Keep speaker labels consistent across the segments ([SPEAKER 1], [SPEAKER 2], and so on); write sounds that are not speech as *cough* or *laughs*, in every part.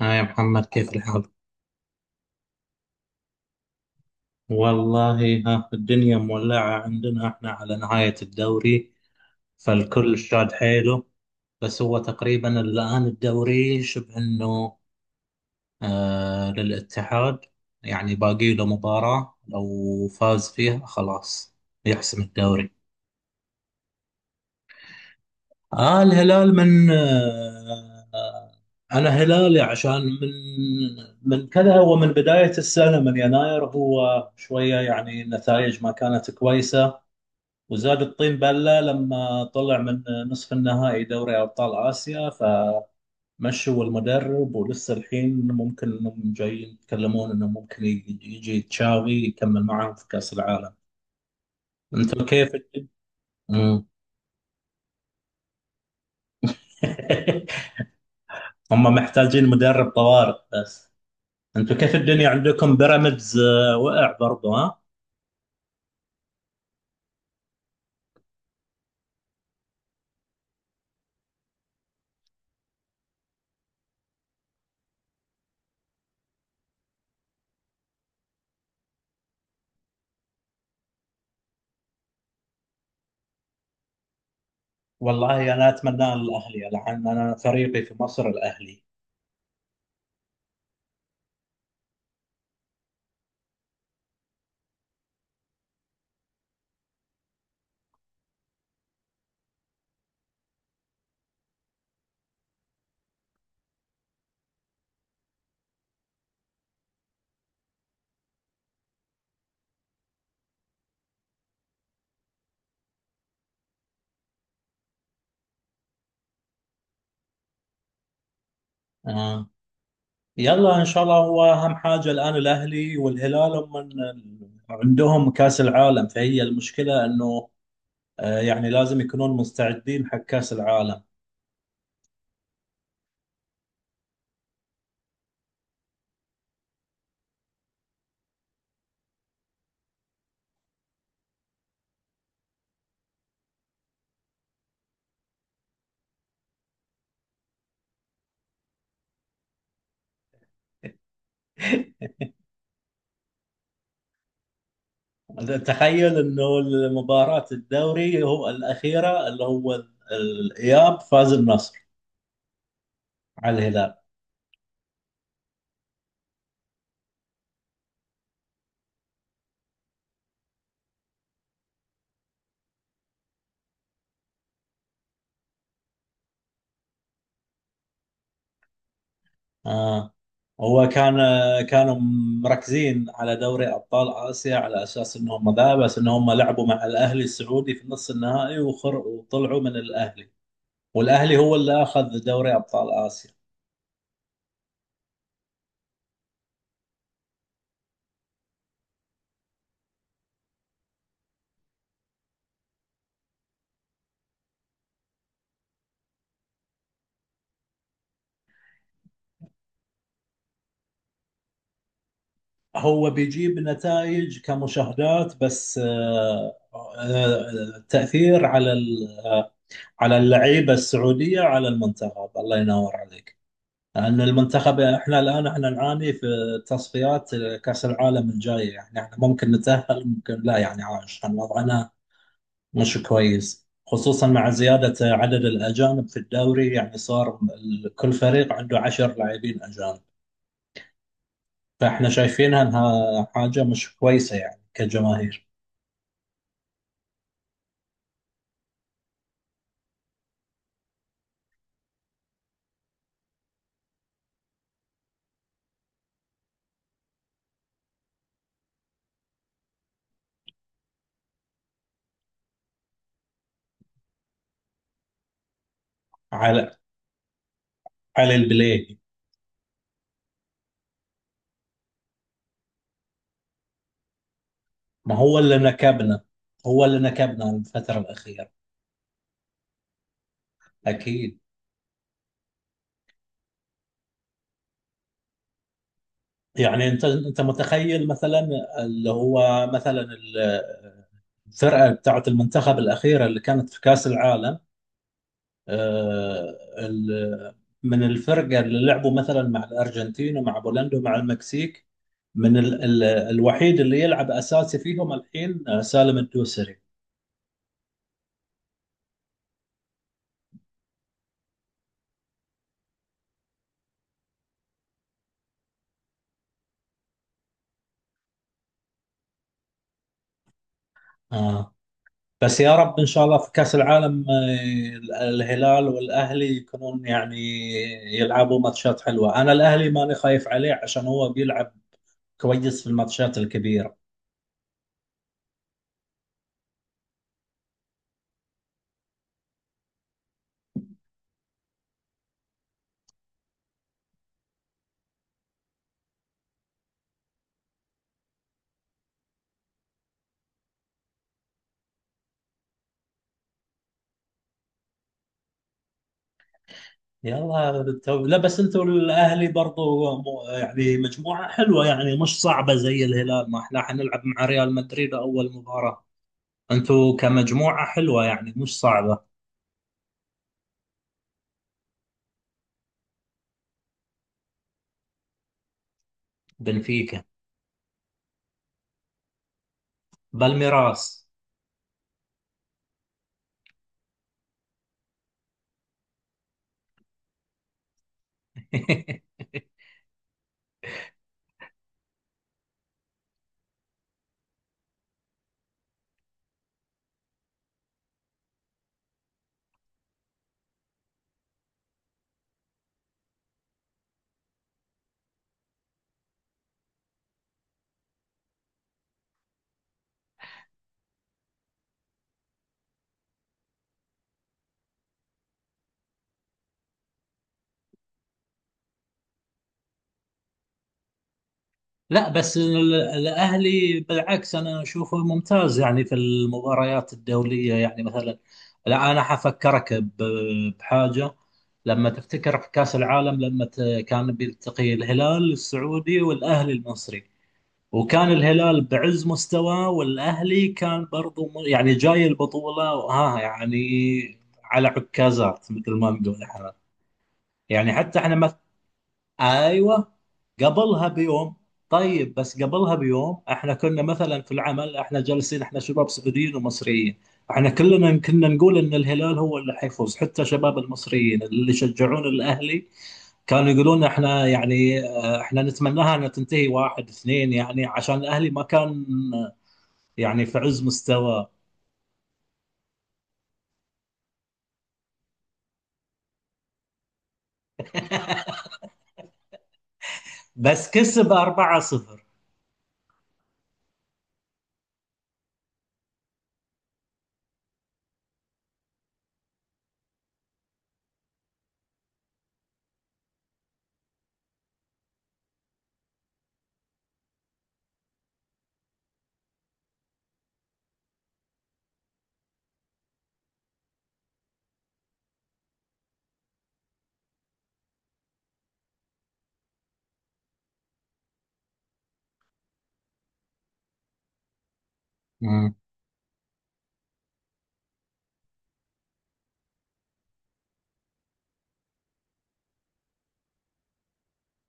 [SPEAKER 1] ها يا محمد، كيف الحال؟ والله، ها الدنيا مولعة عندنا، احنا على نهاية الدوري، فالكل شاد حيله. بس هو تقريبا الآن الدوري شبه انه للاتحاد. يعني باقي له مباراة، لو فاز فيها خلاص يحسم الدوري. آه. الهلال من. أنا هلالي، عشان من كذا. هو من بداية السنة، من يناير، هو شوية يعني النتائج ما كانت كويسة، وزاد الطين بلة لما طلع من نصف النهائي دوري أبطال آسيا، فمشوا المدرب. ولسه الحين ممكن إنهم جايين يتكلمون إنه ممكن يجي تشاوي يكمل معاهم في كأس العالم. أنتم كيف الد- مم. *laughs* هم محتاجين مدرب طوارئ بس. أنتم كيف الدنيا عندكم؟ بيراميدز وقع برضه، ها؟ والله أنا أتمنى الأهلي، لأن أنا فريقي في مصر الأهلي. يلا ان شاء الله، هو اهم حاجه الان الاهلي والهلال هم عندهم كاس العالم، فهي المشكله انه يعني لازم يكونون مستعدين حق كاس العالم. *laughs* تخيل انه مباراه الدوري، هو الاخيره اللي هو الاياب، فاز النصر على الهلال. آه. هو كانوا مركزين على دوري ابطال اسيا، على اساس انهم ذا بس، انهم لعبوا مع الاهلي السعودي في نص النهائي وطلعوا من الاهلي، والاهلي هو اللي اخذ دوري ابطال اسيا. هو بيجيب نتائج كمشاهدات، بس التاثير على ال- آه، على اللعيبه السعوديه، على المنتخب، الله ينور عليك. لان المنتخب احنا الان احنا نعاني في تصفيات كاس العالم الجايه، يعني احنا ممكن نتاهل ممكن لا، يعني عشان وضعنا مش كويس، خصوصا مع زياده عدد الاجانب في الدوري. يعني صار كل فريق عنده 10 لاعبين اجانب، فاحنا شايفينها انها حاجه مش كويسه يعني كجماهير. على على البلاي. ما هو اللي نكبنا، هو اللي نكبنا الفتره الاخيره، اكيد. يعني انت متخيل، مثلا اللي هو مثلا الفرقه بتاعت المنتخب الاخيره اللي كانت في كاس العالم؟ آه، ال- من الفرقه اللي لعبوا مثلا مع الارجنتين ومع بولندا ومع المكسيك، من ال ال الوحيد اللي يلعب اساسي فيهم الحين سالم الدوسري. آه، بس يا رب، ان شاء الله، في كاس العالم الهلال والاهلي يكونون يعني يلعبوا ماتشات حلوه. انا الاهلي ماني خايف عليه عشان هو بيلعب كويس في الماتشات الكبيره. يلا لا، بس انتوا الاهلي برضو يعني مجموعه حلوه، يعني مش صعبه زي الهلال، ما احنا حنلعب مع ريال مدريد اول مباراه. انتوا كمجموعه حلوه، يعني مش صعبه. بنفيكا. بالميراس. *laughs* لا، بس الاهلي بالعكس، انا اشوفه ممتاز يعني في المباريات الدوليه، يعني مثلا. لا، انا حفكرك بحاجه. لما تفتكر في كاس العالم، كان بيلتقي الهلال السعودي والاهلي المصري، وكان الهلال بعز مستواه، والاهلي كان برضو يعني جاي البطوله، ها، يعني على عكازات، مثل ما نقول احنا، يعني حتى احنا. ايوه، قبلها بيوم. طيب بس قبلها بيوم احنا كنا مثلا في العمل، احنا جالسين، احنا شباب سعوديين ومصريين، احنا كلنا كنا نقول ان الهلال هو اللي حيفوز. حتى شباب المصريين اللي يشجعون الاهلي كانوا يقولون، احنا يعني احنا نتمناها انها تنتهي 1-2، يعني عشان الاهلي ما كان آه، يعني في عز مستواه. بس كسب 4-0. امم.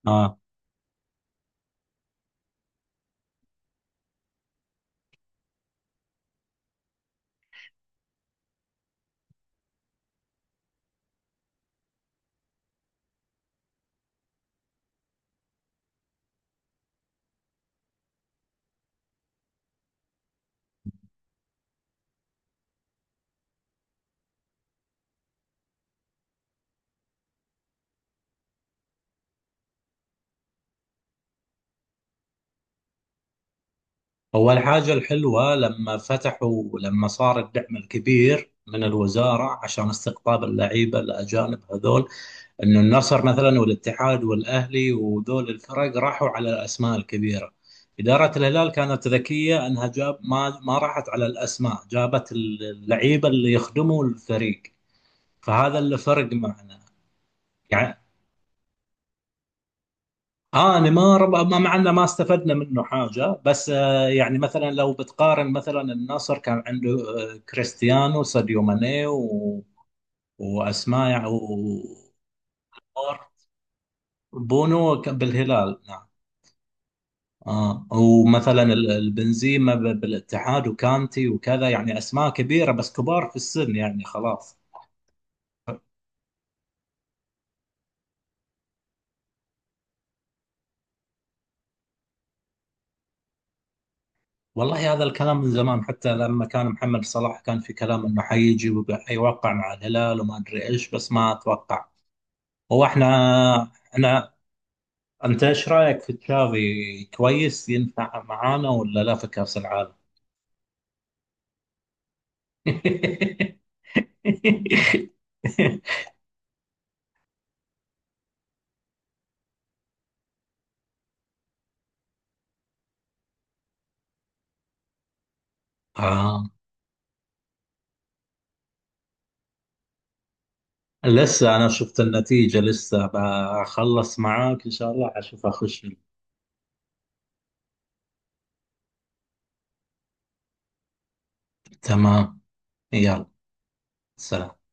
[SPEAKER 1] اه. هو الحاجة الحلوة لما فتحوا، لما صار الدعم الكبير من الوزارة عشان استقطاب اللعيبة الأجانب هذول، إنه النصر مثلا والاتحاد والأهلي وذول الفرق راحوا على الأسماء الكبيرة. إدارة الهلال كانت ذكية إنها جاب ما راحت على الأسماء، جابت اللعيبة اللي يخدموا الفريق. فهذا اللي فرق معنا. يعني اه يعني ما معنا، ما استفدنا منه حاجه. بس يعني مثلا، لو بتقارن، مثلا النصر كان عنده كريستيانو، ساديو ماني، واسماء، بونو بالهلال، نعم. اه، ومثلا البنزيما بالاتحاد، وكانتي، وكذا، يعني اسماء كبيره بس كبار في السن، يعني خلاص. والله هذا الكلام من زمان، حتى لما كان محمد صلاح كان في كلام انه حيجي وحيوقع مع الهلال وما ادري ايش، بس ما اتوقع. هو احنا. انت ايش رايك في تشافي؟ كويس ينفع معانا ولا لا في كاس العالم؟ *laughs* آه. لسه انا شفت النتيجه، لسه بخلص معاك ان شاء الله اشوف اخش. تمام. يلا. سلام.